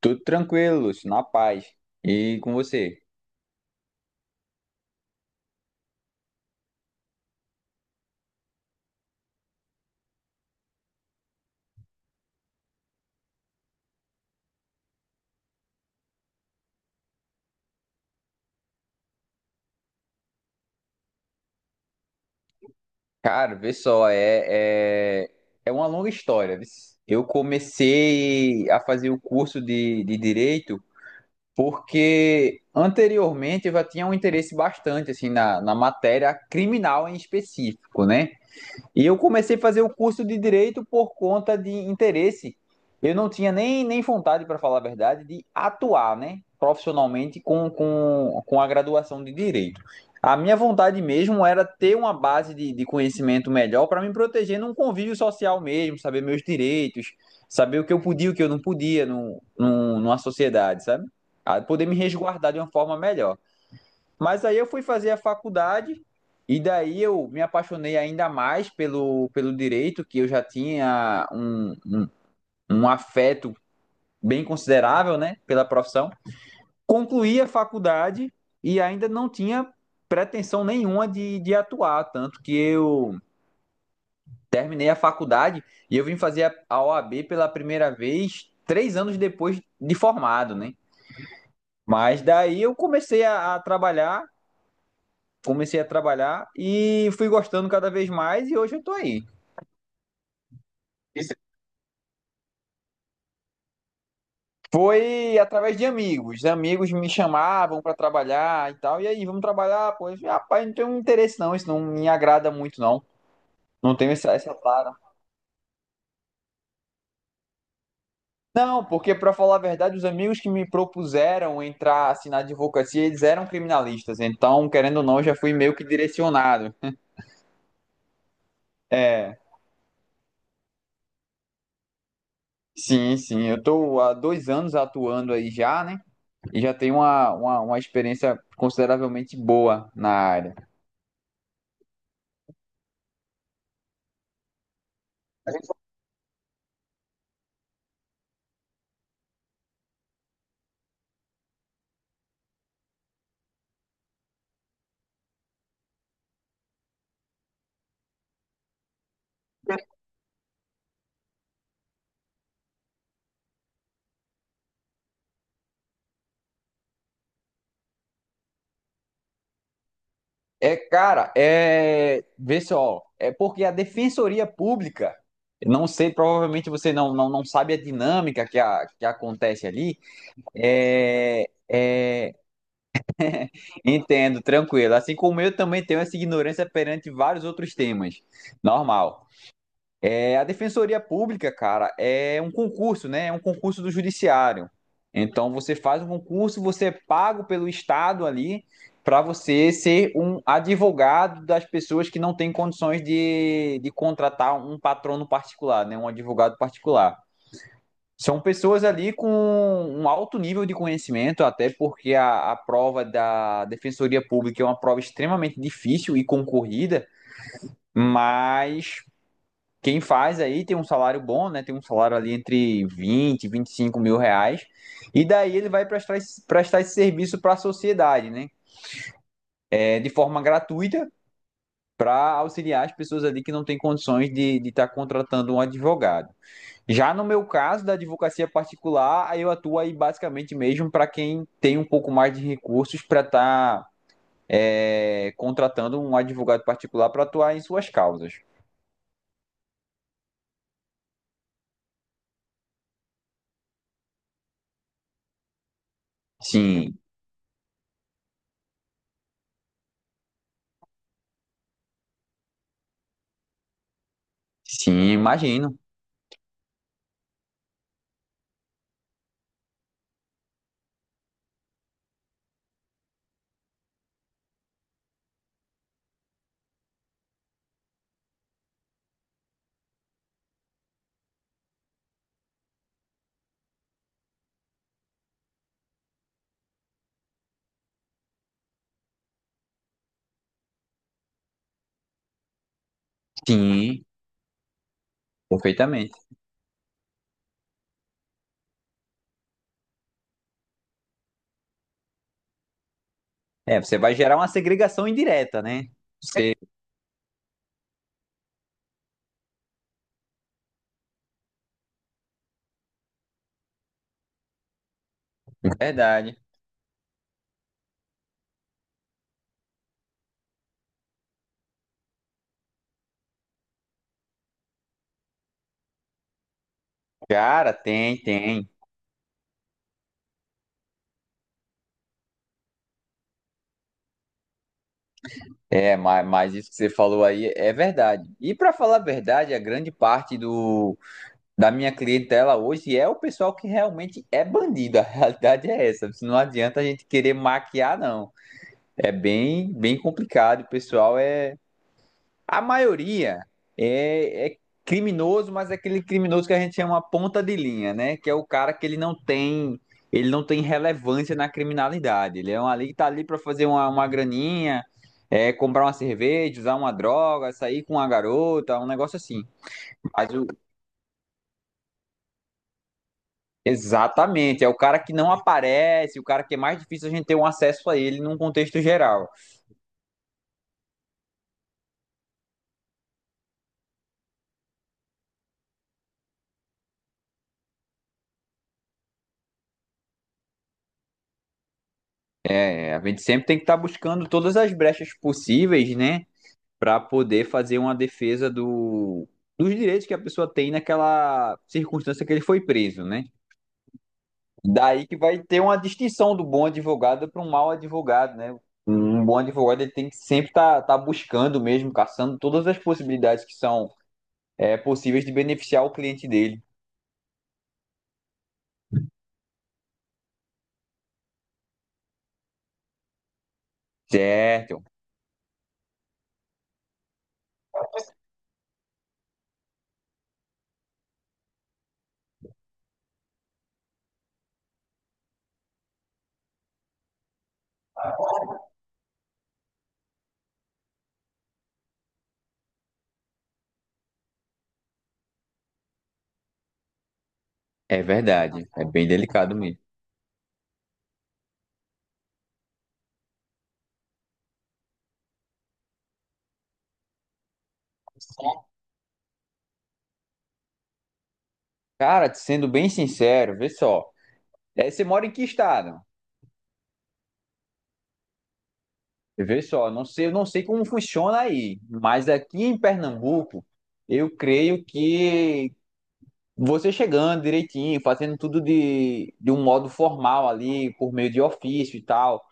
Tudo tranquilo, Lúcio, na paz. E com você? Cara, vê só, é uma longa história, viu? Eu comecei a fazer o curso de direito porque anteriormente eu já tinha um interesse bastante assim na matéria criminal em específico, né? E eu comecei a fazer o curso de direito por conta de interesse. Eu não tinha nem vontade, para falar a verdade, de atuar, né, profissionalmente com a graduação de direito. A minha vontade mesmo era ter uma base de conhecimento melhor para me proteger num convívio social mesmo, saber meus direitos, saber o que eu podia e o que eu não podia numa sociedade, sabe? Ah, poder me resguardar de uma forma melhor. Mas aí eu fui fazer a faculdade e daí eu me apaixonei ainda mais pelo direito, que eu já tinha um afeto bem considerável, né, pela profissão. Concluí a faculdade e ainda não tinha pretensão nenhuma de atuar, tanto que eu terminei a faculdade e eu vim fazer a OAB pela primeira vez 3 anos depois de formado, né? Mas daí eu comecei a trabalhar e fui gostando cada vez mais e hoje eu tô aí. Foi através de amigos. Amigos me chamavam para trabalhar e tal. E aí, vamos trabalhar? Pô, eu falei, rapaz, não tenho interesse não, isso não me agrada muito não. Não tenho essa tara. Não, porque para falar a verdade, os amigos que me propuseram entrar assim, na advocacia, eles eram criminalistas. Então, querendo ou não, já fui meio que direcionado. É, sim, sim. Eu tô há 2 anos atuando aí já, né? E já tem uma experiência consideravelmente boa na área. É, cara, é. Vê só, é porque a Defensoria Pública, não sei, provavelmente você não sabe a dinâmica que acontece ali. É, é, entendo, tranquilo. Assim como eu também tenho essa ignorância perante vários outros temas. Normal. É, a Defensoria Pública, cara, é um concurso, né? É um concurso do Judiciário. Então você faz um concurso, você é pago pelo Estado ali para você ser um advogado das pessoas que não têm condições de contratar um patrono particular, né? Um advogado particular. São pessoas ali com um alto nível de conhecimento, até porque a prova da Defensoria Pública é uma prova extremamente difícil e concorrida, mas quem faz aí tem um salário bom, né? Tem um salário ali entre 20 e 25 mil reais. E daí ele vai prestar esse serviço para a sociedade, né? É, de forma gratuita, para auxiliar as pessoas ali que não têm condições de estar contratando um advogado. Já no meu caso, da advocacia particular, aí eu atuo aí basicamente mesmo para quem tem um pouco mais de recursos para estar contratando um advogado particular para atuar em suas causas. Sim, sim, imagino. Sim, perfeitamente. É, você vai gerar uma segregação indireta, né? Você, verdade, cara, tem, tem. É, mas isso que você falou aí é verdade. E para falar a verdade, a grande parte da minha clientela hoje é o pessoal que realmente é bandido. A realidade é essa. Não adianta a gente querer maquiar, não. É bem, bem complicado. O pessoal é a maioria é criminoso, mas é aquele criminoso que a gente chama ponta de linha, né? Que é o cara que ele não tem relevância na criminalidade. Ele é um ali que tá ali para fazer uma graninha, é, comprar uma cerveja, usar uma droga, sair com uma garota, um negócio assim. Mas o- Exatamente, é o cara que não aparece, o cara que é mais difícil a gente ter um acesso a ele num contexto geral. É, a gente sempre tem que estar buscando todas as brechas possíveis, né? Para poder fazer uma defesa dos direitos que a pessoa tem naquela circunstância que ele foi preso, né? Daí que vai ter uma distinção do bom advogado para um mau advogado, né? Um bom advogado ele tem que sempre tá buscando mesmo, caçando todas as possibilidades que são possíveis de beneficiar o cliente dele. Certo, é verdade, é bem delicado mesmo. Cara, sendo bem sincero, vê só, você mora em que estado? E vê só, não sei, eu não sei como funciona aí, mas aqui em Pernambuco, eu creio que você chegando direitinho, fazendo tudo de um modo formal ali, por meio de ofício e tal,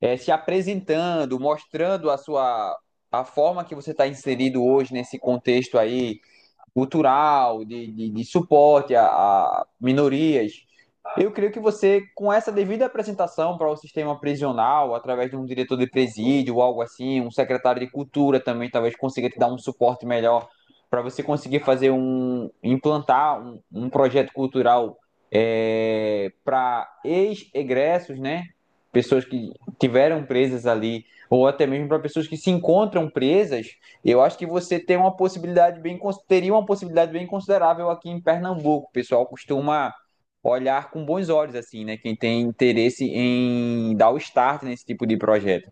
se apresentando, mostrando a forma que você está inserido hoje nesse contexto aí, cultural, de suporte a minorias. Eu creio que você, com essa devida apresentação para o sistema prisional, através de um diretor de presídio, algo assim, um secretário de cultura também, talvez consiga te dar um suporte melhor para você conseguir implantar um projeto cultural para ex-egressos, né? Pessoas que tiveram presas ali, ou até mesmo para pessoas que se encontram presas eu acho que você tem uma teria uma possibilidade bem considerável aqui em Pernambuco. O pessoal costuma olhar com bons olhos, assim, né? Quem tem interesse em dar o start nesse tipo de projeto.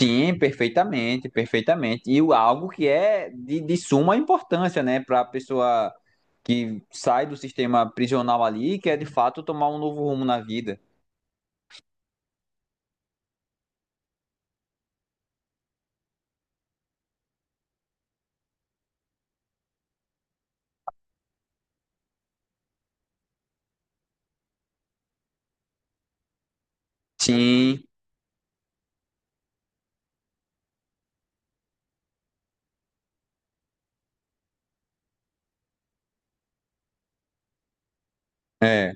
Sim, perfeitamente, perfeitamente. Algo que é de suma importância, né, para a pessoa que sai do sistema prisional ali, que é de fato tomar um novo rumo na vida. Sim, é.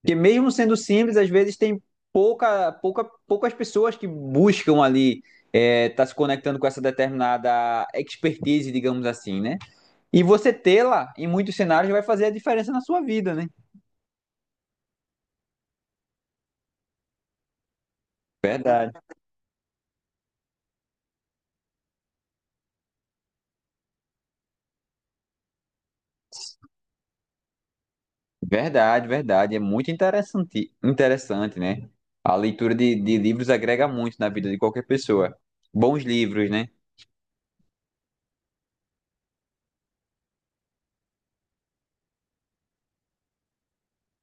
Porque mesmo sendo simples, às vezes tem poucas pessoas que buscam ali tá se conectando com essa determinada expertise, digamos assim, né? E você tê-la em muitos cenários vai fazer a diferença na sua vida, né? Verdade, verdade, verdade. É muito interessante, interessante, né? A leitura de livros agrega muito na vida de qualquer pessoa. Bons livros, né?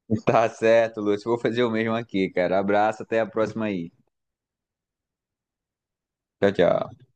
Tá certo, Lúcio. Vou fazer o mesmo aqui, cara. Abraço, até a próxima aí. Tchau, tchau.